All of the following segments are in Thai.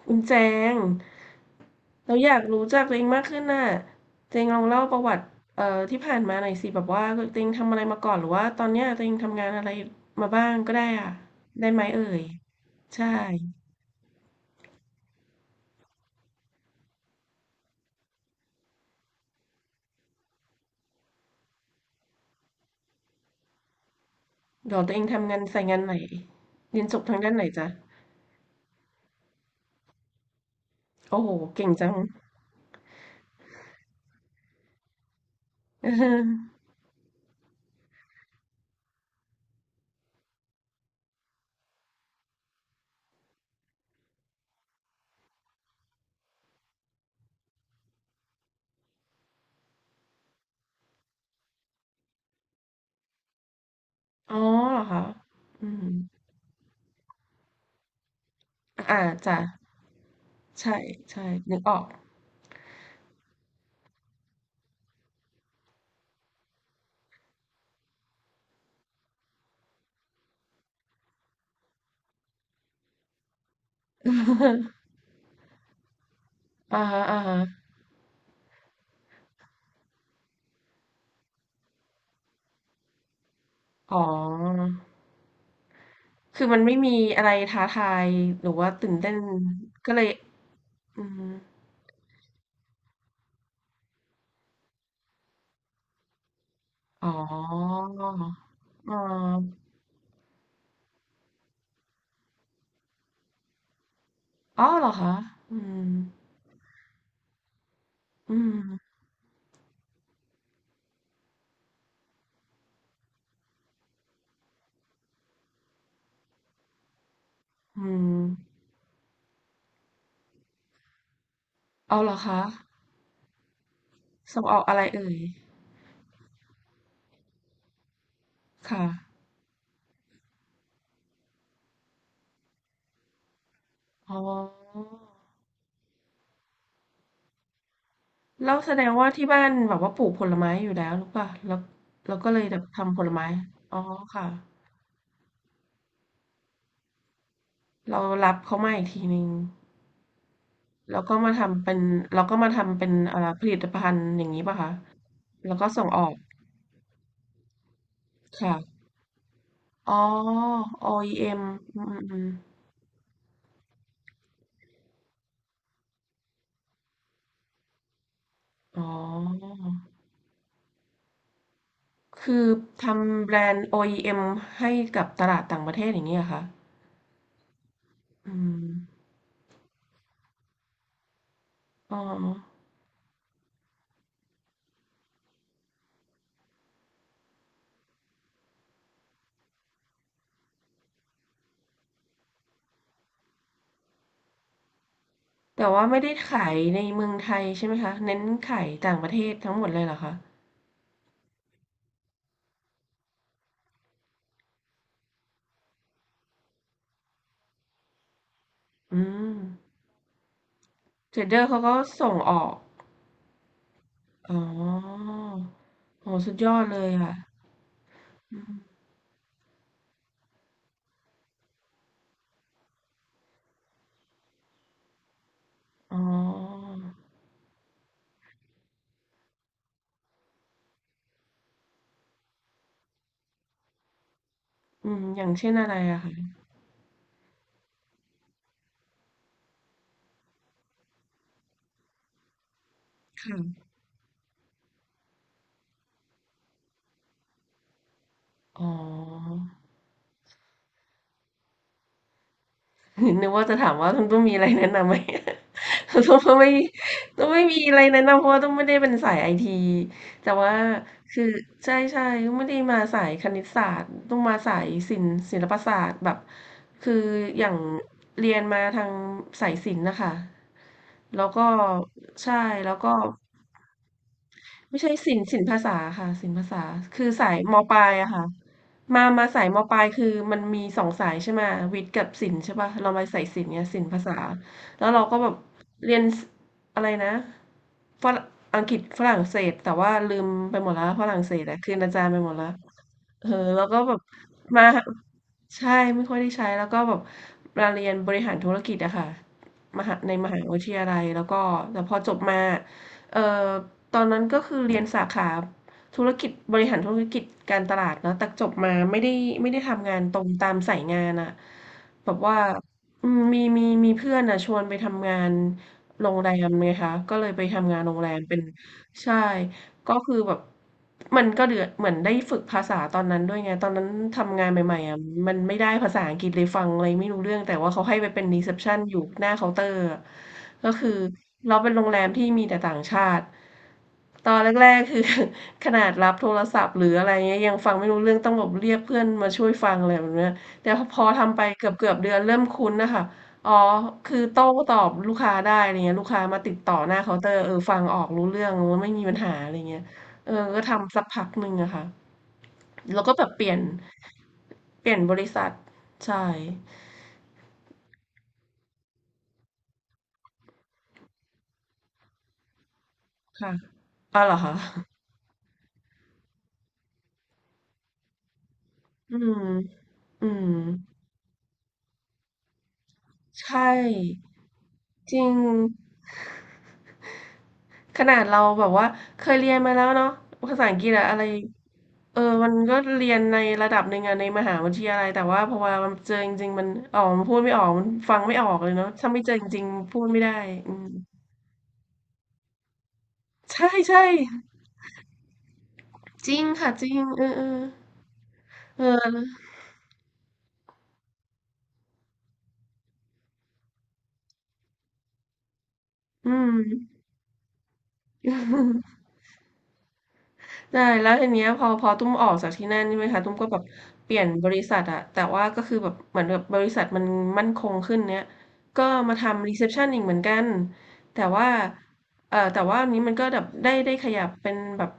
คุณแจงเราอยากรู้จักตัวเองมากขึ้นน่ะเจงลองเล่าประวัติเอ่อที่ผ่านมาหน่อยสิแบบว่าตัวเองทำอะไรมาก่อนหรือว่าตอนเนี้ยตัวเองทำงานอะไรมาบ้างก็ได้อ่ะได้ไหมเอ่ยใช่เดี๋ยวตัวเองทำงานสายงานไหนเรียนจบทางด้านไหนจ๊ะโอ้โหเก่งจัง เอออ๋อเหรอคะอืมอ่าจ้ะใช่ใช่นึกออก อ่าฮะอ่าฮะอ๋อ คือมันไม่มีอะไรท้าทายหรือว่าตื่นเต้นก็เลยอืออ๋อออออเหรอคะอืมอืมอืมอ้าวเหรอคะส่งออกอะไรเอ่ยค่ะอ๋อแล้วแสดงว่าที่บ้านแบบว่าปลูกผลไม้อยู่แล้วหรือเปล่าแล้วแล้วก็เลยแบบทำผลไม้อ๋อค่ะเรารับเขามาอีกทีหนึ่งแล้วก็มาทำเป็นแล้วก็มาทำเป็นอ่าผลิตภัณฑ์อย่างงี้เปล่าคะแล้วก็ส่งออก ค่ะอ๋อ OEM ออีเอ็มอืมอืมอ๋อคือทำแบรนด์ OEM ให้กับตลาดต่างประเทศอย่างนี้เหรอคะอืมอ๋อแต่ว่าไม่ได้ขายในเมืองไทยใช่ไหมคะเน้นขายต่างประเทศทั้งหมดเลยเหรอคะอืมเทรดเดอร์เขาก็ส่งออก อ๋อโหสุดยอดเลยอ่ะอืมอ๋ออืมอย่างเช่นอะไรอะคะค่ะอ๋อ นึกว่าจะถามว่าคุณตุ้มมีอะไรแนะนำไหม คุณ ตุ้มก็ไม่ตุ้มไม่มีอะไรแนะนำเพราะว่าตุ้มไม่ได้เป็นสายไอทีแต่ว่าคือใช่ใช่ตุ้มไม่ได้มาสายคณิตศาสตร์ตุ้มมาสายศิลป์ศิลปศาสตร์แบบคืออย่างเรียนมาทางสายศิลป์นะคะแล้วก็ใช่แล้วก็ ไม่ใช่ศิลป์ศิลปภาษาค่ะศิลปภาษาคือสายมปลายอะค่ะมาสายมปลายคือมันมีสองสายใช่ไหมวิทย์กับศิลป์ใช่ป่ะเรามาสายศิลป์เนี่ยศิลปภาษาแล้วเราก็แบบเรียนอะไรนะฝรั่งอังกฤษฝรั่งเศสแต่ว่าลืมไปหมดแล้วฝรั่งเศสอะคืนอาจารย์ไปหมดแล้วเออแล้วก็แบบมาใช่ไม่ค่อยได้ใช้แล้วก็แบบมาเรียนบริหารธุรกิจอะค่ะมหาในมหาวิทยาลัยแล้วก็แต่พอจบมาเออ ตอนนั้นก็คือเรียนสาขาธุรกิจบริหารธุรกิจการตลาดเนอะแต่จบมาไม่ได้ทำงานตรงตามสายงานอะแบบว่าอืมมีเพื่อนอะชวนไปทำงานโรงแรมไงคะก็เลยไปทำงานโรงแรมเป็นใช่ ก็คือแบบมันก็เดือดเหมือนได้ฝึกภาษาตอนนั้นด้วยไงตอนนั้นทำงานใหม่ๆอ่ะมันไม่ได้ภาษาอังกฤษเลยฟังอะไรไม่รู้เรื่องแต่ว่าเขาให้ไปเป็นรีเซพชันอยู่หน้าเคาน์เตอร์อะก็คือเราเป็นโรงแรมที่มีแต่ต่างชาติตอนแรกๆคือ ขนาดรับโทรศัพท์หรืออะไรเงี้ยยังฟังไม่รู้เรื่องต้องแบบเรียกเพื่อนมาช่วยฟังอะไรแบบเนี้ยแต่พอทำไปเกือบๆเดือนเริ่มคุ้นนะคะ อ๋อ คือโต้ตอบลูกค้าได้อะไรเงี้ยลูกค้ามาติดต่อหน้าเคาน์เตอร์เออฟังออกรู้เรื่องว่าไม่มีปัญหาอะไรเงี้ยเออก็ทำสักพักหนึ่งอะค่ะแล้วก็แบบเปลี่ยนเปลี่ยนบริษัทใช่ค่ะอ๋อเหรอคะอืมอืมใช่จริงขนาดเราแบบว่าเคยเรียนมาแล้วเนาะภาษาอังกฤษอะอะไร เออมันก็เรียนในระดับหนึ่งอะในมหาวิทยาลัยแต่ว่าพอมามันเจอจริงๆ มันอ๋อมันพูดไม่ออก มันฟังไม่ออกเลยเนาะถ้าไม่เจอจริงๆ พูดไม่ได้อืมใช่ใช่จริงค่ะจริง เออเออเอออืม ใช่แล้วทีเนี้ยพอพอตุ้มออกจากที่นั่นใช่ไหมคะตุ้มก็แบบเปลี่ยนบริษัทอะแต่ว่าก็คือแบบเหมือนแบบบริษัทมันมั่นคงขึ้นเนี้ยก็มาทำรีเซพชันอีกเหมือนกันแต่ว่าเออแต่ว่าอันนี้มันก็แบบได้ขยับเป็นแบบ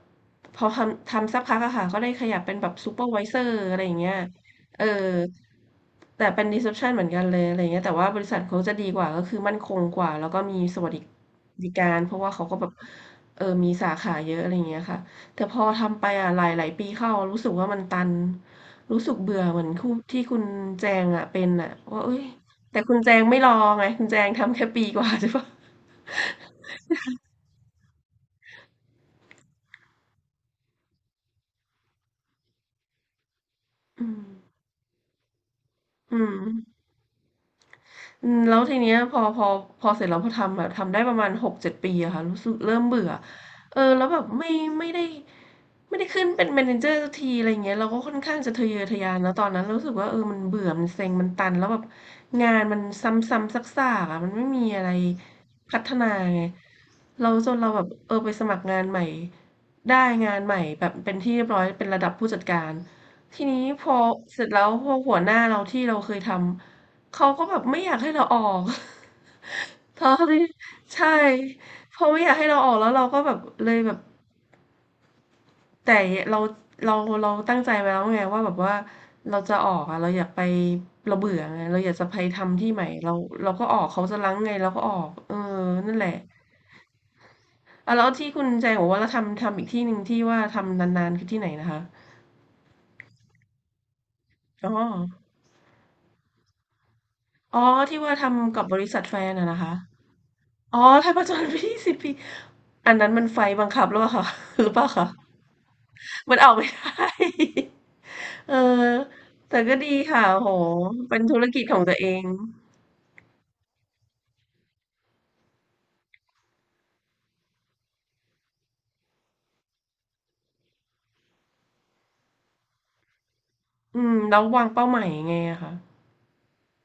พอทำสักพักอะค่ะก็ได้ขยับเป็นแบบซูเปอร์ไวเซอร์อะไรอย่างเงี้ยเออแต่เป็นรีเซพชันเหมือนกันเลยอะไรเงี้ยแต่ว่าบริษัทเขาจะดีกว่าก็คือมั่นคงกว่าแล้วก็มีสวัสดิการเพราะว่าเขาก็แบบเออมีสาขาเยอะอะไรเงี้ยค่ะ แต่พอทำไปอะหลายๆปีเข้ารู้สึกว่ามันตันรู้สึกเบื่อเหมือนคู่ที่คุณแจงอะเป็นอะว่าเอ้ยแต่คุณแจงไม่รอไงคุณแจงทำแค่ปีกว่า ใช่ปะอืมอืม อืมแล้วทีเนี้ยพอเสร็จแล้วพอทำอะทำได้ประมาณ6-7ปีอะค่ะรู้สึกเริ่มเบื่อเออแล้วแบบไม่ได้ไม่ได้ขึ้นเป็น Manager สักทีอะไรอย่างเงี้ยเราก็ค่อนข้างจะทะเยอทะยานแล้วตอนนั้นเรารู้สึกว่าเออมันเบื่อมันเซ็งมันตันแล้วแบบงานมันซ้ำๆซากๆอะมันไม่มีอะไรพัฒนาไงเราจนเราแบบเออไปสมัครงานใหม่ได้งานใหม่แบบเป็นที่เรียบร้อยเป็นระดับผู้จัดการทีนี้พอเสร็จแล้วพอหัวหน้าเราที่เราเคยทำ เขาก็แบบไม่อยากให้เราออก เพราะที่ใช่เพราะไม่อยากให้เราออกแล้วเราก็แบบเลยแบบแต่เราเราเราตั้งใจไว้แล้วไงว่าแบบว่าเราจะออกอะเราอยากไปเราเบื่อไงเราอยากจะไปทำที่ใหม่เราเราก็ออกเขาจะรั้งไงเราก็ออกเออนั่นแหละอ่าแล้วที่คุณแจงบอกว่าเราทำอีกที่หนึ่งที่ว่าทำนานๆคือที่ไหนนะคะอ๋ออ๋อที่ว่าทำกับบริษัทแฟนอะนะคะ อ๋อไทยประจนไปที่10 ปีอันนั้นมันไฟบังคับหรือเปล่าคะ หรือเปล่าคะมันออกไม่ได้ เออแต่ก็ดีค่ะโอเป็นธุรกิจของตัวเองอืมแล้ววางเป้าหมายยังไงอะคะ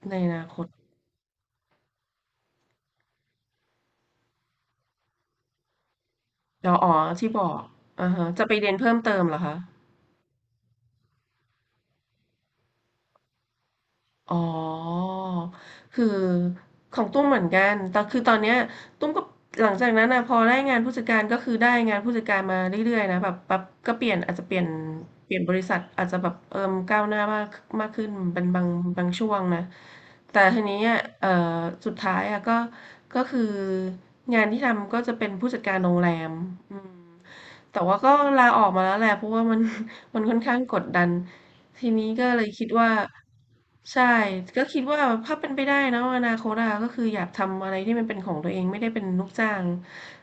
ในอนาคตเราอ๋อที่บอกอาฮะจะไปเรียนเพิ่มเติมเหรอคะ อ๋อคือของตุ้มเหมือนกันแต่คือตอนเนี้ยตุ้มก็หลังจากนั้นนะพอได้งานผู้จัดการก็คือได้งานผู้จัดการมาเรื่อยๆนะแบบก็เปลี่ยนอาจจะเปลี่ยนบริษัทอาจจะแบบเอิ่มก้าวหน้ามากมากขึ้นเป็นบางช่วงนะแต่ทีนี้อ่ะสุดท้ายอ่ะก็ก็คืองานที่ทำก็จะเป็นผู้จัดการโรงแรมอืมแต่ว่าก็ลาออกมาแล้วแหละเพราะว่ามัน มันค่อนข้างกดดัน ทีนี้ก็เลยคิดว่าใช่ก็คิดว่าถ้าเป็นไปได้เนาะอนาคตอะก็คืออยากทำอะไรที่มันเป็นของตัวเองไม่ได้เป็นลูกจ้าง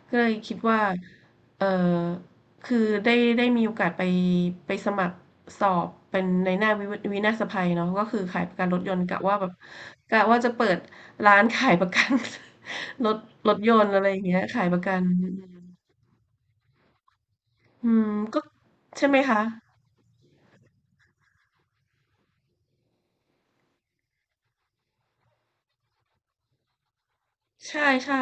ก็เลยคิดว่าเออคือได้ได้มีโอกาสไปสมัครสอบเป็นในหน้าวิวินาศภัยเนาะก็คือขายประกันรถยนต์กะว่าแบบกะว่าจะเปิดร้านขายประกัน รถรถยนต์อะไรอย่างเงี้ยขายประกันอืมอืมก็ใช่ไหมคะใช่ใช่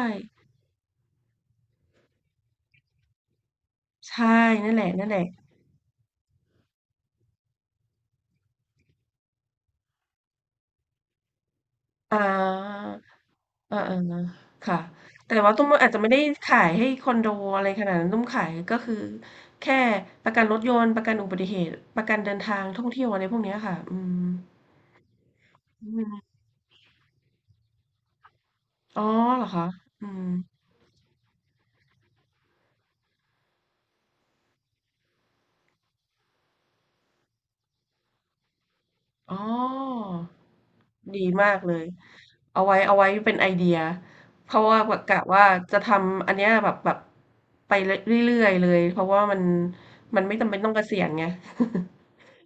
ใช่นั่นแหละนั่นแหละ อาอาๆค่ะแต่ว่าตุ้มอาจจะไม่ได้ขายให้คอนโดอะไรขนาดนั้นตุ้มขายก็คือแค่ประกันรถยนต์ประกันอุบัติเหตุประกันเดินทางท่องเที่ยวอะไรพวกเนี้ยค่ะอืมอืมอ๋อเหรอคะอืมอ๋อดีมากเลยเอาไว้เอาไว้เป็นไอเดียเพราะว่าแบบกะว่าจะทำอันเนี้ยแบบไปรเรื่อยๆเลยเพราะว่ามันมันไม่จำเป็นต้องเกษียณไง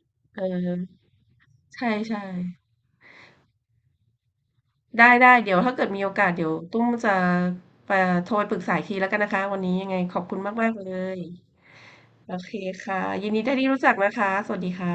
เออใช่ๆ ได้ๆเดี๋ยวถ้าเกิดมีโอกาสเดี๋ยวตุ้มจะไปโทรปปรึกษาอีกทีแล้วกันนะคะวันนี้ยังไงขอบคุณมากๆเลยโอเคค่ะยินดีได้ที่รู้จักนะคะสวัสดีค่ะ